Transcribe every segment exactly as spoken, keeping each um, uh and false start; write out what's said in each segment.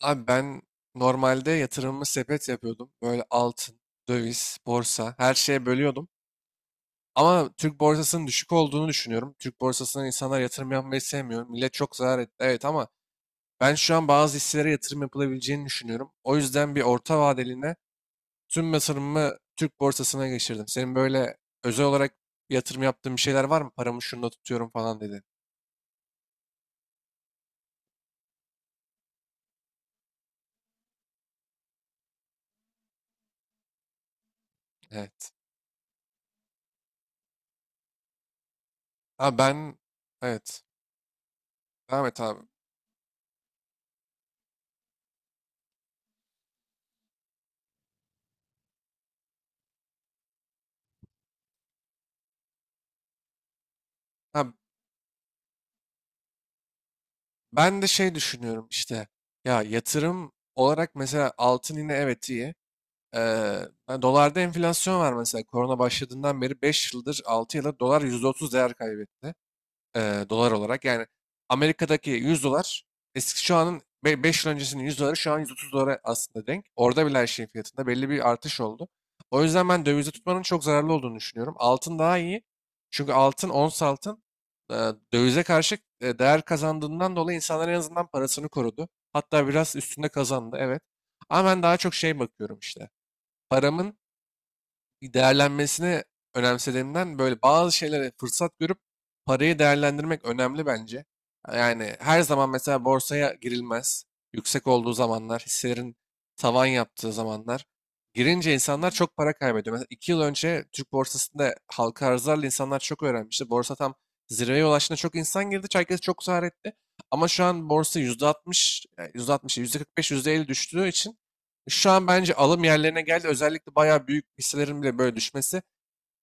Abi ben normalde yatırımımı sepet yapıyordum. Böyle altın, döviz, borsa her şeye bölüyordum. Ama Türk borsasının düşük olduğunu düşünüyorum. Türk borsasına insanlar yatırım yapmayı sevmiyor. Millet çok zarar etti. Evet, ama ben şu an bazı hisselere yatırım yapılabileceğini düşünüyorum. O yüzden bir orta vadeline tüm yatırımımı Türk borsasına geçirdim. Senin böyle özel olarak yatırım yaptığın bir şeyler var mı? Paramı şunda tutuyorum falan dedi. Evet. Ha ben evet. Devam et abi. Ha, ben de şey düşünüyorum işte, ya yatırım olarak mesela altın yine evet iyi. Ee, Hani dolarda enflasyon var mesela korona başladığından beri beş yıldır altı yıldır dolar yüzde otuz değer kaybetti, eee, dolar olarak. Yani Amerika'daki yüz dolar, eski şu anın beş yıl öncesinin yüz doları şu an yüz otuz dolara aslında denk. Orada bile her şeyin fiyatında belli bir artış oldu. O yüzden ben dövizde tutmanın çok zararlı olduğunu düşünüyorum. Altın daha iyi. Çünkü altın, ons altın e, dövize karşı e, değer kazandığından dolayı insanlar en azından parasını korudu. Hatta biraz üstünde kazandı, evet. Ama ben daha çok şey bakıyorum işte. Paramın değerlenmesini önemsediğimden böyle bazı şeylere fırsat görüp parayı değerlendirmek önemli bence. Yani her zaman mesela borsaya girilmez. Yüksek olduğu zamanlar, hisselerin tavan yaptığı zamanlar. Girince insanlar çok para kaybediyor. Mesela iki yıl önce Türk borsasında halka arzlarla insanlar çok öğrenmişti. Borsa tam zirveye ulaştığında çok insan girdi. Herkes çok zarar etti. Ama şu an borsa yüzde altmış, yani yüzde altmış, yüzde kırk beş, yüzde elli düştüğü için şu an bence alım yerlerine geldi. Özellikle bayağı büyük hisselerin bile böyle düşmesi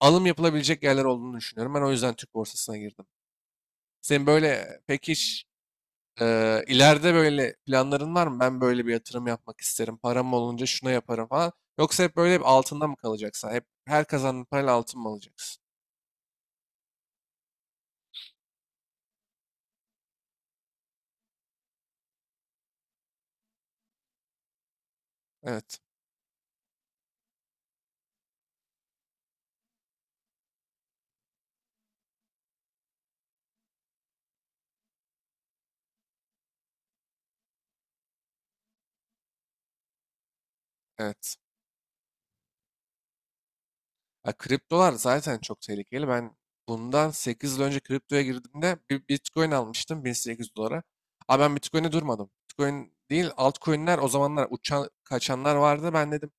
alım yapılabilecek yerler olduğunu düşünüyorum. Ben o yüzden Türk borsasına girdim. Senin böyle pek hiç e, ileride böyle planların var mı? Ben böyle bir yatırım yapmak isterim. Param olunca şuna yaparım falan. Yoksa hep böyle hep altında mı kalacaksın? Hep her kazandığın parayla altın mı alacaksın? Evet, evet. Ya kriptolar zaten çok tehlikeli. Ben bundan sekiz yıl önce kriptoya girdiğimde bir Bitcoin almıştım bin sekiz yüz dolara. Ama ben Bitcoin'e durmadım. Bitcoin değil altcoin'ler o zamanlar uçan kaçanlar vardı. Ben dedim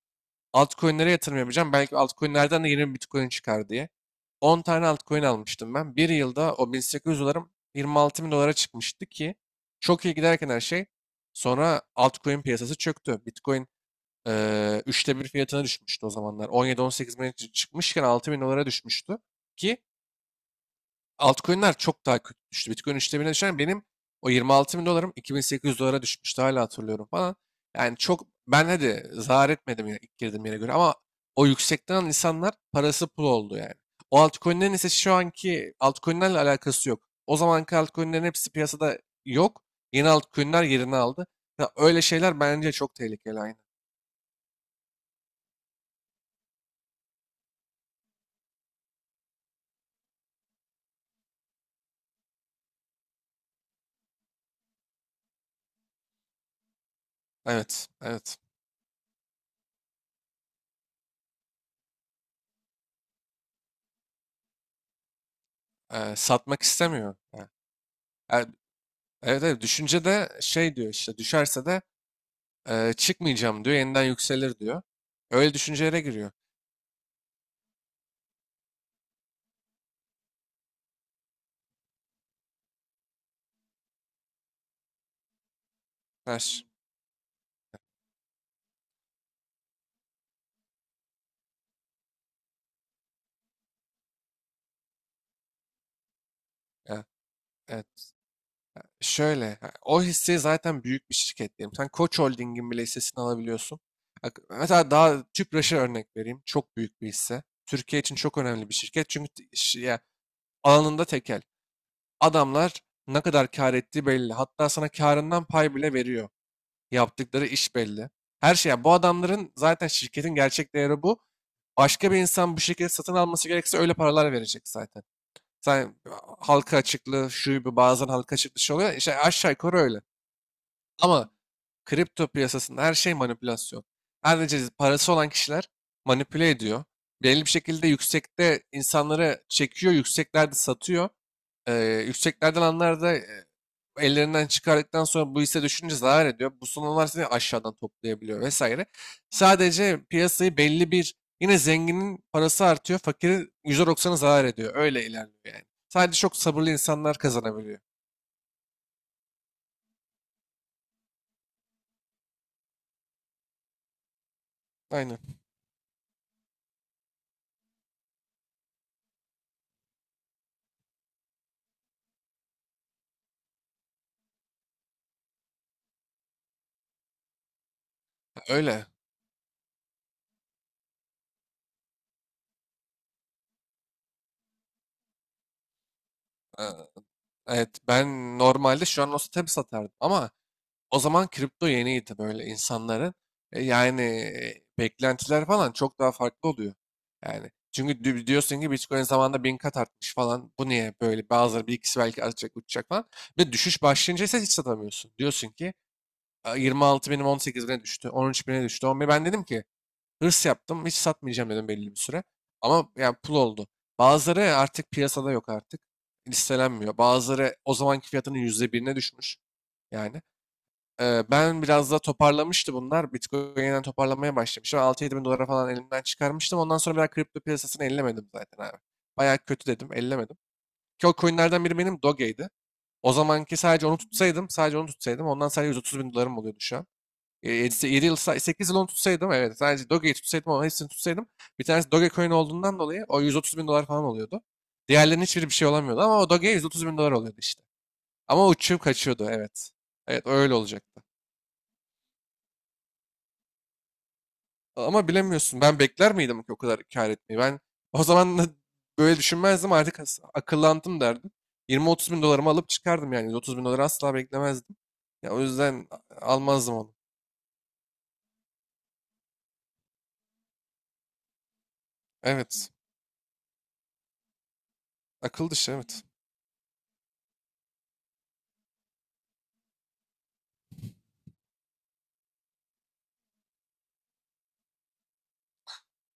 altcoin'lere yatırım yapacağım. Belki altcoin'lerden de yeni bir Bitcoin çıkar diye. On tane altcoin almıştım ben. Bir yılda o bin sekiz yüz dolarım yirmi altı bin dolara çıkmıştı ki çok iyi giderken her şey. Sonra altcoin piyasası çöktü. Bitcoin Eee, üçte bir fiyatına düşmüştü o zamanlar. on yedi on sekiz bine çı- çıkmışken altı bin dolara düşmüştü. Ki altcoin'ler çok daha kötü düştü. Bitcoin üçte birine düşen benim o yirmi altı bin dolarım iki bin sekiz yüz dolara düşmüştü. Hala hatırlıyorum falan. Yani çok ben hadi zarar etmedim yine ilk girdiğim yere göre ama o yüksekten alan insanlar parası pul oldu yani. O altcoin'lerin ise şu anki altcoin'lerle alakası yok. O zamanki altcoin'lerin hepsi piyasada yok. Yeni altcoin'ler yerini aldı. Ya öyle şeyler bence çok tehlikeli. Evet, evet. Eee, satmak istemiyor. Ha, e- evet, evet. Düşünce de şey diyor işte, düşerse de eee, çıkmayacağım diyor. Yeniden yükselir diyor. Öyle düşüncelere giriyor. Ters. Ya, evet. Şöyle, ha, o hisse zaten büyük bir şirket diyelim. Sen Koç Holding'in bile hissesini alabiliyorsun. Bak, mesela daha Tüpraş'a örnek vereyim. Çok büyük bir hisse. Türkiye için çok önemli bir şirket. Çünkü t- ş- ya, alanında tekel. Adamlar ne kadar kar ettiği belli. Hatta sana karından pay bile veriyor. Yaptıkları iş belli. Her şey. Ya, bu adamların zaten şirketin gerçek değeri bu. Başka bir insan bu şirketi satın alması gerekirse öyle paralar verecek zaten. Sen halka açıklığı şu bir bazen halka açıklığı şey oluyor. İşte aşağı yukarı öyle. Ama kripto piyasasında her şey manipülasyon. Sadece parası olan kişiler manipüle ediyor. Belli bir şekilde yüksekte insanları çekiyor, yükseklerde satıyor. Ee, Yükseklerden alanlar da e, ellerinden çıkardıktan sonra bu hisse düşünce zarar ediyor. Bu sonralar seni aşağıdan toplayabiliyor vesaire. Sadece piyasayı belli bir yine zenginin parası artıyor, fakirin yüzde doksanı zarar ediyor. Öyle ilerliyor yani. Sadece çok sabırlı insanlar kazanabiliyor. Aynen. Öyle. Ee, Evet, ben normalde şu an olsa tabii satardım ama o zaman kripto yeniydi böyle insanların. E, yani e, beklentiler falan çok daha farklı oluyor. Yani çünkü di- diyorsun ki Bitcoin zamanında bin kat artmış falan. Bu niye böyle? Bazıları bir ikisi belki artacak uçacak falan. Ve düşüş başlayınca ise hiç satamıyorsun. Diyorsun ki yirmi altı binim on sekiz bine düştü, on üç bine düştü. on bir. Ben dedim ki hırs yaptım. Hiç satmayacağım dedim belli bir süre. Ama yani pul oldu. Bazıları artık piyasada yok artık. Listelenmiyor. Bazıları o zamanki fiyatının yüzde birine düşmüş. Yani. Ee, ben biraz da toparlamıştı bunlar. Bitcoin yeniden toparlamaya başlamıştı. altı yedi bin dolara falan elimden çıkarmıştım. Ondan sonra bir daha kripto piyasasını ellemedim zaten abi. Bayağı kötü dedim. Ellemedim. Ki o coinlerden biri benim Doge'ydi. O zamanki sadece onu tutsaydım, sadece onu tutsaydım ondan sadece yüz otuz bin dolarım oluyordu şu an. yedi yıl, sekiz yıl onu tutsaydım evet sadece Doge'yi tutsaydım ama hepsini tutsaydım bir tanesi Dogecoin olduğundan dolayı o yüz otuz bin dolar falan oluyordu. Diğerlerinin hiçbiri bir şey olamıyordu ama o Doge'ye yüz otuz bin dolar oluyordu işte. Ama uçup kaçıyordu evet. Evet öyle olacaktı. Ama bilemiyorsun, ben bekler miydim ki o kadar kar etmeyi? Ben o zaman da böyle düşünmezdim, artık as- akıllandım derdim. Yirmi otuz bin dolarımı alıp çıkardım yani yüz otuz bin doları asla beklemezdim. Ya o yüzden a- almazdım onu. Evet, akıl dışı, evet.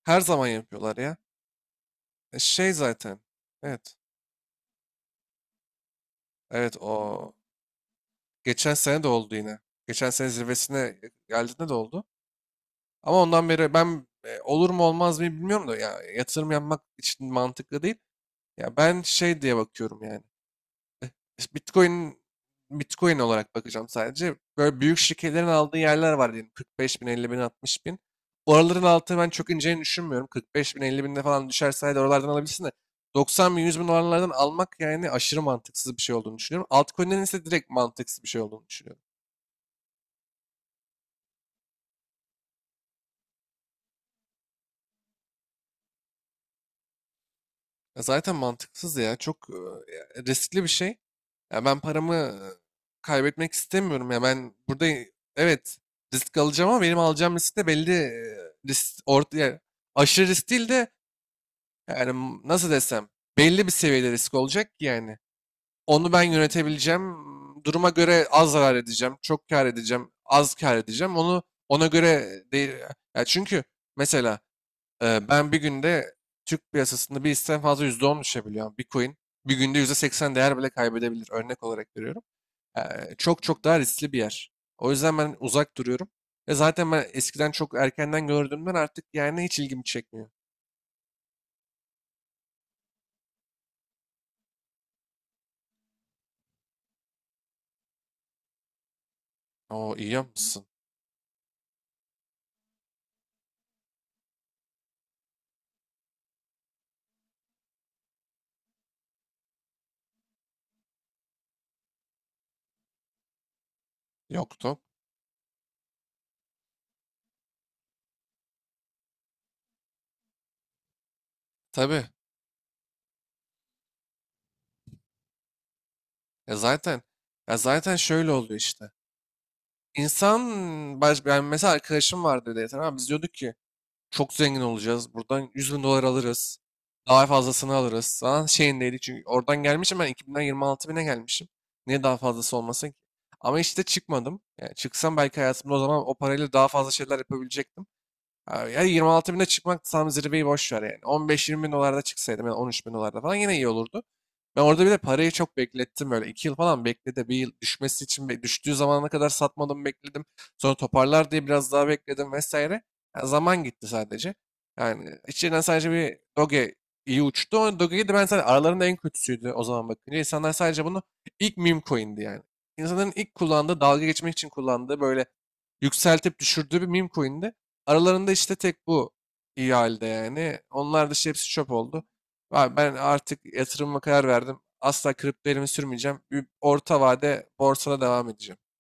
Her zaman yapıyorlar ya. E, şey zaten. Evet. Evet o. Geçen sene de oldu yine. Geçen sene zirvesine geldiğinde de oldu. Ama ondan beri ben e, olur mu olmaz mı bilmiyorum da ya yatırım yapmak için mantıklı değil. Ya ben şey diye bakıyorum yani. İşte, Bitcoin Bitcoin olarak bakacağım sadece. Böyle büyük şirketlerin aldığı yerler var diyelim. kırk beş bin, elli bin, altmış bin. Oraların altı ben çok ineceğini düşünmüyorum. kırk beş bin, elli binde falan düşerse hadi oralardan alabilirsin de. doksan bin, yüz bin oralardan almak yani aşırı mantıksız bir şey olduğunu düşünüyorum. Altcoin'lerin ise direkt mantıksız bir şey olduğunu düşünüyorum. Ya zaten mantıksız ya. Çok e, riskli bir şey. Ya ben paramı e, kaybetmek istemiyorum ya. Ben burada i- evet risk alacağım ama benim alacağım risk de belli, e, risk orta yani aşırı risk değil de yani m- nasıl desem belli bir seviyede risk olacak ki yani. Onu ben yönetebileceğim. Duruma göre az zarar edeceğim, çok kar edeceğim, az kar edeceğim. Onu ona göre değil. Ya çünkü mesela ee, ben bir günde Türk piyasasında bir hisseden fazla yüzde on düşebiliyor. Bitcoin bir günde yüzde seksen değer bile kaybedebilir. Örnek olarak veriyorum. Ee, çok çok daha riskli bir yer. O yüzden ben uzak duruyorum. Ve zaten ben eskiden çok erkenden gördüğümden artık yani hiç ilgimi çekmiyor. O iyi yapmışsın. Yoktu. Tabii. Ya zaten, ya zaten şöyle oluyor işte. İnsan baş, yani mesela arkadaşım vardı dedi. Tamam biz diyorduk ki çok zengin olacağız. Buradan yüz bin dolar alırız. Daha fazlasını alırız. Falan şeyindeydi çünkü oradan gelmişim ben iki binden yirmi altı bine gelmişim. Niye daha fazlası olmasın ki? Ama işte çıkmadım. Yani çıksam belki hayatımda o zaman o parayla daha fazla şeyler yapabilecektim. Ha, yani yirmi altı bine çıkmak tam zirveyi boş ver yani. on beş yirmi bin dolarda çıksaydım yani on üç bin dolarda falan yine iyi olurdu. Ben orada bir de parayı çok beklettim böyle. İki yıl falan bekledi. Bir yıl düşmesi için be- düştüğü zamana kadar satmadım bekledim. Sonra toparlar diye biraz daha bekledim vesaire. Ya zaman gitti sadece. Yani içinden sadece bir Doge iyi uçtu. O Doge'yi de ben sadece aralarında en kötüsüydü o zaman bakınca. İnsanlar sadece bunu ilk meme coin'di yani. İnsanların ilk kullandığı, dalga geçmek için kullandığı böyle yükseltip düşürdüğü bir meme coin'di. Aralarında işte tek bu iyi halde yani. Onlar dışı hepsi çöp oldu. Abi ben artık yatırımıma karar verdim. Asla kripto elimi sürmeyeceğim. Bir orta vade borsada devam edeceğim.